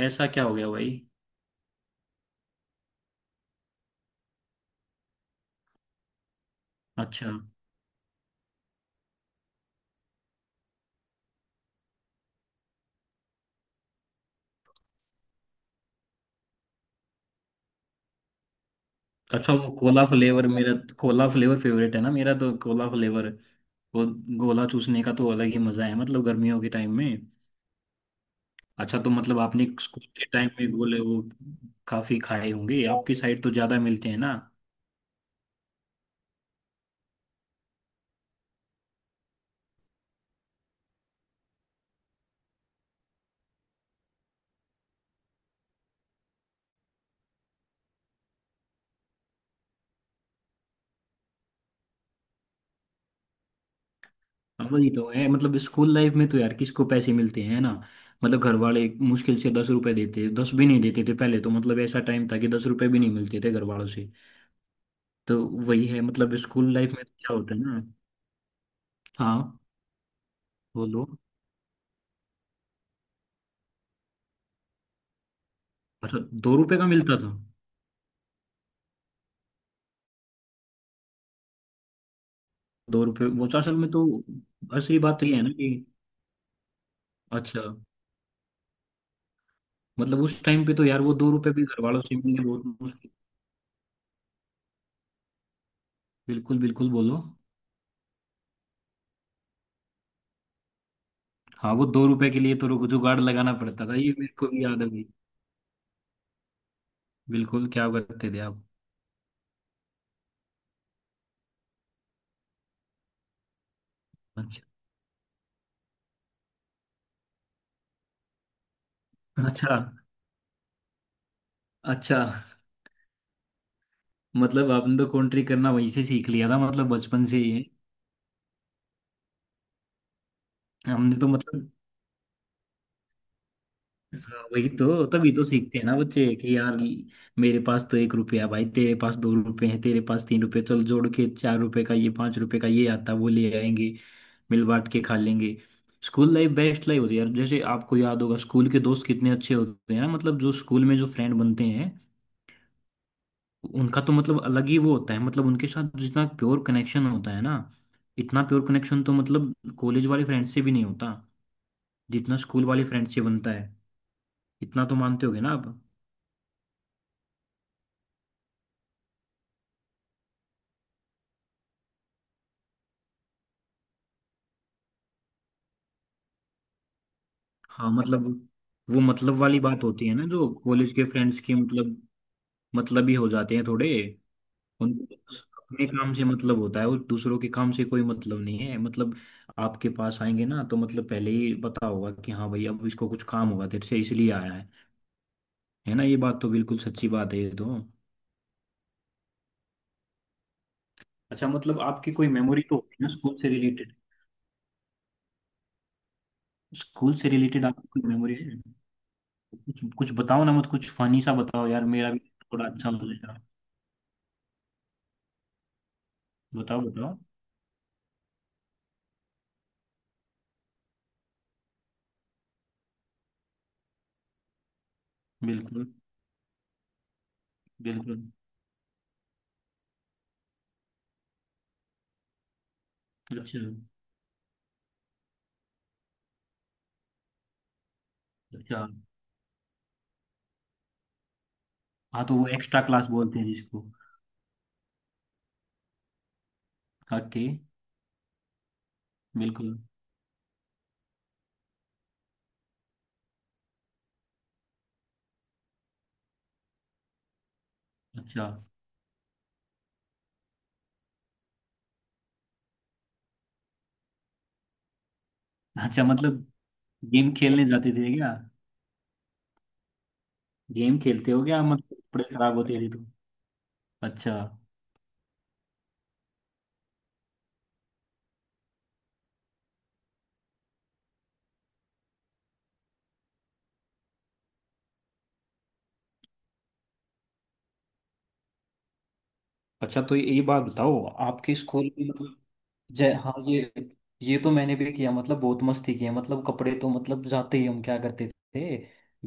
ऐसा क्या हो गया भाई? अच्छा। अच्छा वो कोला फ्लेवर मेरा कोला फ्लेवर फेवरेट है ना मेरा, तो कोला फ्लेवर वो गोला चूसने का तो अलग ही मजा है मतलब गर्मियों के टाइम में। अच्छा तो मतलब आपने स्कूल के टाइम में गोले वो काफी खाए होंगे, आपकी साइड तो ज्यादा मिलते हैं ना। हाँ, वही तो है मतलब स्कूल लाइफ में तो यार किसको पैसे मिलते हैं ना। मतलब घर वाले मुश्किल से 10 रुपए देते, 10 भी नहीं देते थे पहले। तो मतलब ऐसा टाइम था कि 10 रुपए भी नहीं मिलते थे घर वालों से। तो वही है मतलब स्कूल लाइफ में तो क्या होता है ना। हाँ। वो दो। अच्छा। 2 रुपए का मिलता था? 2 रुपए वो तो असल में तो असली बात तो ये है ना कि। अच्छा। मतलब उस टाइम पे तो यार वो 2 रुपए भी घर वालों से मिलने बहुत मुश्किल। बिल्कुल बिल्कुल बोलो। हाँ वो 2 रुपए के लिए तो जुगाड़ लगाना पड़ता था, ये मेरे को भी याद है भाई। बिल्कुल। क्या करते थे आप? अच्छा। अच्छा। अच्छा मतलब आपने तो कंट्री करना वहीं से सीख लिया था, मतलब बचपन से ही है। हमने तो मतलब। हाँ, वही तो तभी तो सीखते हैं ना बच्चे कि यार मेरे पास तो 1 रुपया, भाई तेरे पास 2 रुपए हैं, तेरे पास 3 रुपए, चल जोड़ के 4 रुपए का ये 5 रुपए का ये आता, वो ले आएंगे। मिल बांट के खा लेंगे। स्कूल लाइफ बेस्ट लाइफ होती है यार। जैसे आपको याद होगा स्कूल के दोस्त कितने अच्छे होते हैं ना। मतलब जो स्कूल में जो फ्रेंड बनते हैं उनका तो मतलब अलग ही वो होता है। मतलब उनके साथ जितना प्योर कनेक्शन होता है ना, इतना प्योर कनेक्शन तो मतलब कॉलेज वाले फ्रेंड से भी नहीं होता जितना स्कूल वाले फ्रेंड से बनता है। इतना तो मानते होगे ना आप। हाँ मतलब वो मतलब वाली बात होती है ना जो कॉलेज के फ्रेंड्स की। मतलब मतलब ही हो जाते हैं थोड़े। उनको अपने काम से मतलब होता है और दूसरों के काम से कोई मतलब नहीं है। मतलब आपके पास आएंगे ना तो मतलब पहले ही पता होगा कि हाँ भाई अब इसको कुछ काम होगा तेरे से, इसलिए आया है। है ना, ये बात तो बिल्कुल सच्ची बात है ये तो। अच्छा, मतलब आपकी कोई मेमोरी तो होगी ना स्कूल से रिलेटेड? स्कूल से रिलेटेड आपकी कोई मेमोरी है? कुछ कुछ बताओ ना, मत कुछ फनी सा बताओ यार। मेरा भी थोड़ा अच्छा हो जाएगा। बताओ बताओ। बिल्कुल। बिल्कुल। अच्छा। अच्छा। हाँ तो वो एक्स्ट्रा क्लास बोलते हैं जिसको। ओके। बिल्कुल। अच्छा। अच्छा मतलब गेम खेलने जाते थे क्या? गेम खेलते हो क्या, मतलब कपड़े खराब होते थे तो? अच्छा। अच्छा तो ये बात बताओ आपके स्कूल में मतलब। जय हाँ, ये तो मैंने भी किया। मतलब बहुत मस्ती की है। मतलब कपड़े तो मतलब जाते ही हम क्या करते थे,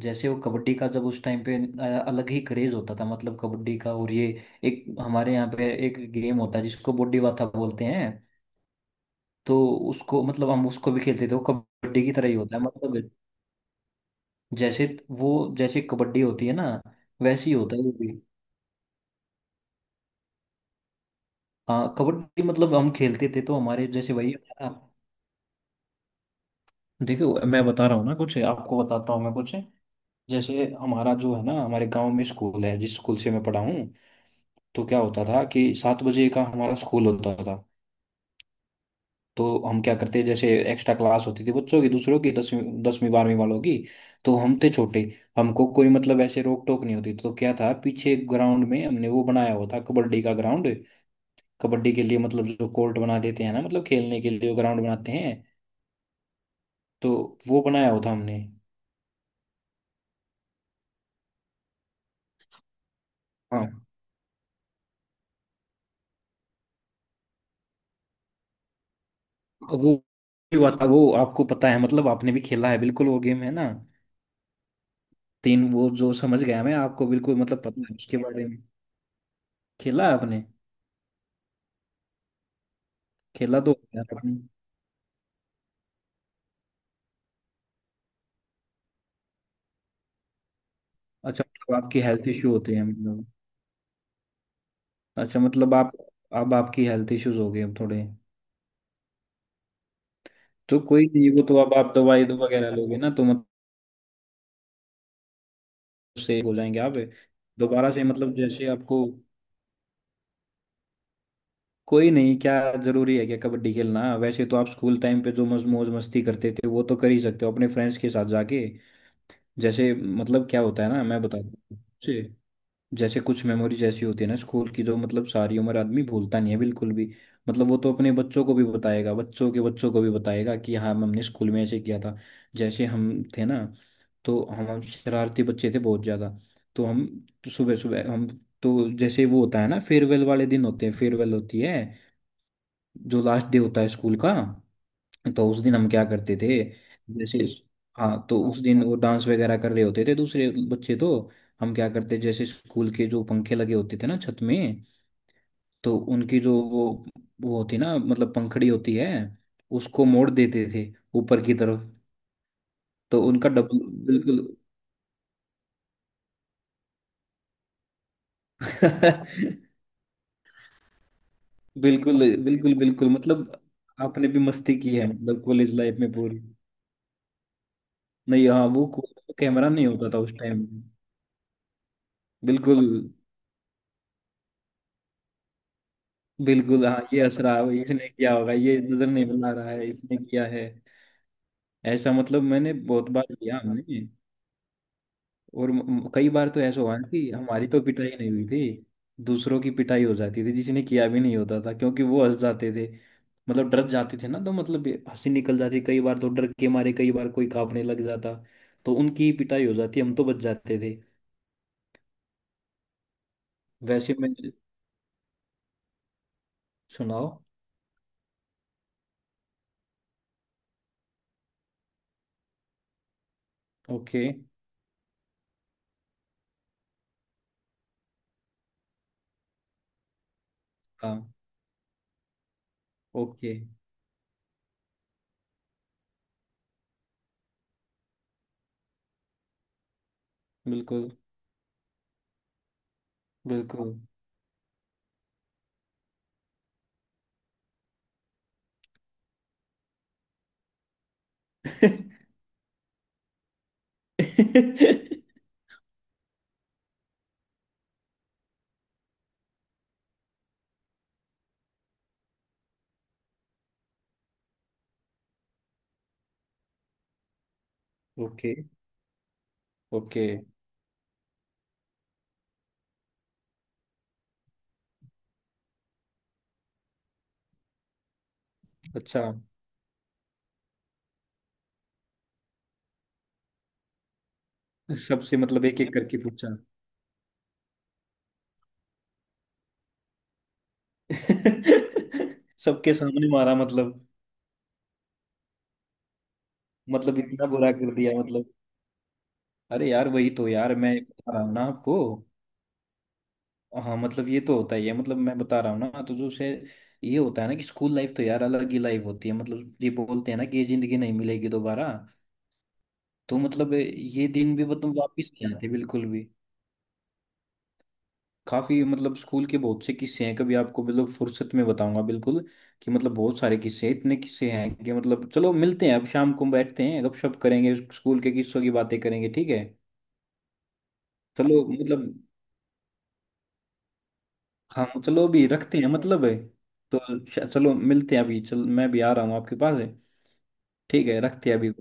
जैसे वो कबड्डी का जब उस टाइम पे अलग ही क्रेज होता था मतलब कबड्डी का। और ये एक हमारे यहाँ पे एक गेम होता है जिसको बॉडी बाता बोलते हैं। तो उसको मतलब हम उसको भी खेलते थे। वो कबड्डी की तरह ही होता है मतलब। जैसे वो, जैसे कबड्डी होती है ना वैसे ही होता है वो भी। हाँ कबड्डी मतलब हम खेलते थे तो हमारे जैसे वही देखो मैं बता रहा हूँ ना कुछ। आपको बताता हूँ मैं कुछ। जैसे हमारा जो है ना हमारे गांव में स्कूल है जिस स्कूल से मैं पढ़ा हूँ, तो क्या होता था कि 7 बजे का हमारा स्कूल होता था। तो हम क्या करते, जैसे एक्स्ट्रा क्लास होती थी बच्चों की दूसरों की, 10वीं 10वीं 12वीं वालों की। तो हम थे छोटे। हमको कोई मतलब ऐसे रोक टोक नहीं होती, तो क्या था पीछे ग्राउंड में हमने वो बनाया हुआ था, कबड्डी का ग्राउंड। कबड्डी के लिए मतलब जो कोर्ट बना देते हैं ना मतलब खेलने के लिए ग्राउंड बनाते हैं। तो वो बनाया हुआ था हमने। हाँ वो हुआ था वो। आपको पता है मतलब आपने भी खेला है, बिल्कुल वो गेम है ना। तीन वो जो समझ गया मैं। आपको बिल्कुल मतलब पता है उसके बारे में। खेला है आपने? खेला तो है यार आपने। अच्छा मतलब आपकी हेल्थ इश्यू होते हैं मतलब? अच्छा मतलब आप, अब आपकी हेल्थ इश्यूज हो गए अब थोड़े? तो कोई नहीं, वो तो अब आप दवाई दो वगैरह लोगे ना तो मतलब उससे हो जाएंगे आप। दोबारा से मतलब जैसे आपको। कोई नहीं। क्या जरूरी है क्या कबड्डी खेलना? वैसे तो आप स्कूल टाइम पे जो मज मौज मस्ती करते थे वो तो कर ही सकते हो अपने फ्रेंड्स के साथ जाके। जैसे, मतलब क्या होता है ना मैं बताता हूँ। जैसे कुछ मेमोरीज ऐसी होती है ना स्कूल की जो मतलब सारी उम्र आदमी भूलता नहीं है बिल्कुल भी। मतलब वो तो अपने बच्चों को भी बताएगा, बच्चों के बच्चों को भी बताएगा कि हाँ हमने स्कूल में ऐसे किया था। जैसे हम थे ना, तो हम शरारती बच्चे थे बहुत ज़्यादा। तो हम सुबह सुबह हम, तो जैसे वो होता है ना फेयरवेल वाले दिन होते हैं, फेयरवेल होती है जो लास्ट डे होता है स्कूल का। तो उस दिन हम क्या करते थे? जैसे, हाँ तो उस दिन वो डांस वगैरह कर रहे होते थे दूसरे बच्चे। तो हम क्या करते, जैसे स्कूल के जो पंखे लगे होते थे ना छत में, तो उनकी जो वो होती ना मतलब पंखड़ी होती है, उसको मोड़ देते थे ऊपर की तरफ, तो उनका डबल। बिल्कुल। बिल्कुल। बिल्कुल। बिल्कुल। मतलब आपने भी मस्ती की है मतलब कॉलेज लाइफ में पूरी। नहीं, हाँ वो कैमरा नहीं होता था उस टाइम। बिल्कुल। बिल्कुल। हाँ ये असरा इसने किया होगा, ये नजर नहीं बना रहा है इसने किया है। ऐसा मतलब मैंने बहुत बार किया हमने। और कई बार तो ऐसा हुआ ना कि हमारी तो पिटाई नहीं हुई थी। दूसरों की पिटाई हो जाती थी जिसने किया भी नहीं होता था, क्योंकि वो हंस जाते थे। मतलब डर जाते थे ना तो मतलब ये हंसी निकल जाती कई बार, तो डर के मारे कई बार कोई कांपने लग जाता तो उनकी ही पिटाई हो जाती, हम तो बच जाते थे। वैसे मैं। सुनाओ। ओके। हाँ। ओके। बिल्कुल। बिल्कुल। ओके। ओके। अच्छा। सबसे मतलब एक एक करके पूछा? सबके सामने मारा मतलब? मतलब इतना बुरा कर दिया मतलब। अरे यार वही तो, यार मैं बता रहा हूँ ना आपको। हाँ मतलब ये तो होता ही है मतलब मैं बता रहा हूँ ना, तो जो से ये होता है ना कि स्कूल लाइफ तो यार अलग ही लाइफ होती है। मतलब ये बोलते हैं ना कि ये जिंदगी नहीं मिलेगी दोबारा। तो मतलब ये दिन भी मतलब वापिस नहीं आते बिल्कुल। काफ़ी मतलब स्कूल के बहुत से किस्से हैं, कभी आपको मतलब फुर्सत में बताऊंगा बिल्कुल। कि मतलब बहुत सारे किस्से हैं, इतने किस्से हैं कि मतलब, चलो मिलते हैं अब शाम को, बैठते हैं गपशप करेंगे, स्कूल के किस्सों की बातें करेंगे, ठीक है? चलो मतलब। हाँ चलो अभी रखते हैं मतलब, है तो। चलो मिलते हैं अभी, चल मैं भी आ रहा हूँ आपके पास है। ठीक है, रखते हैं अभी।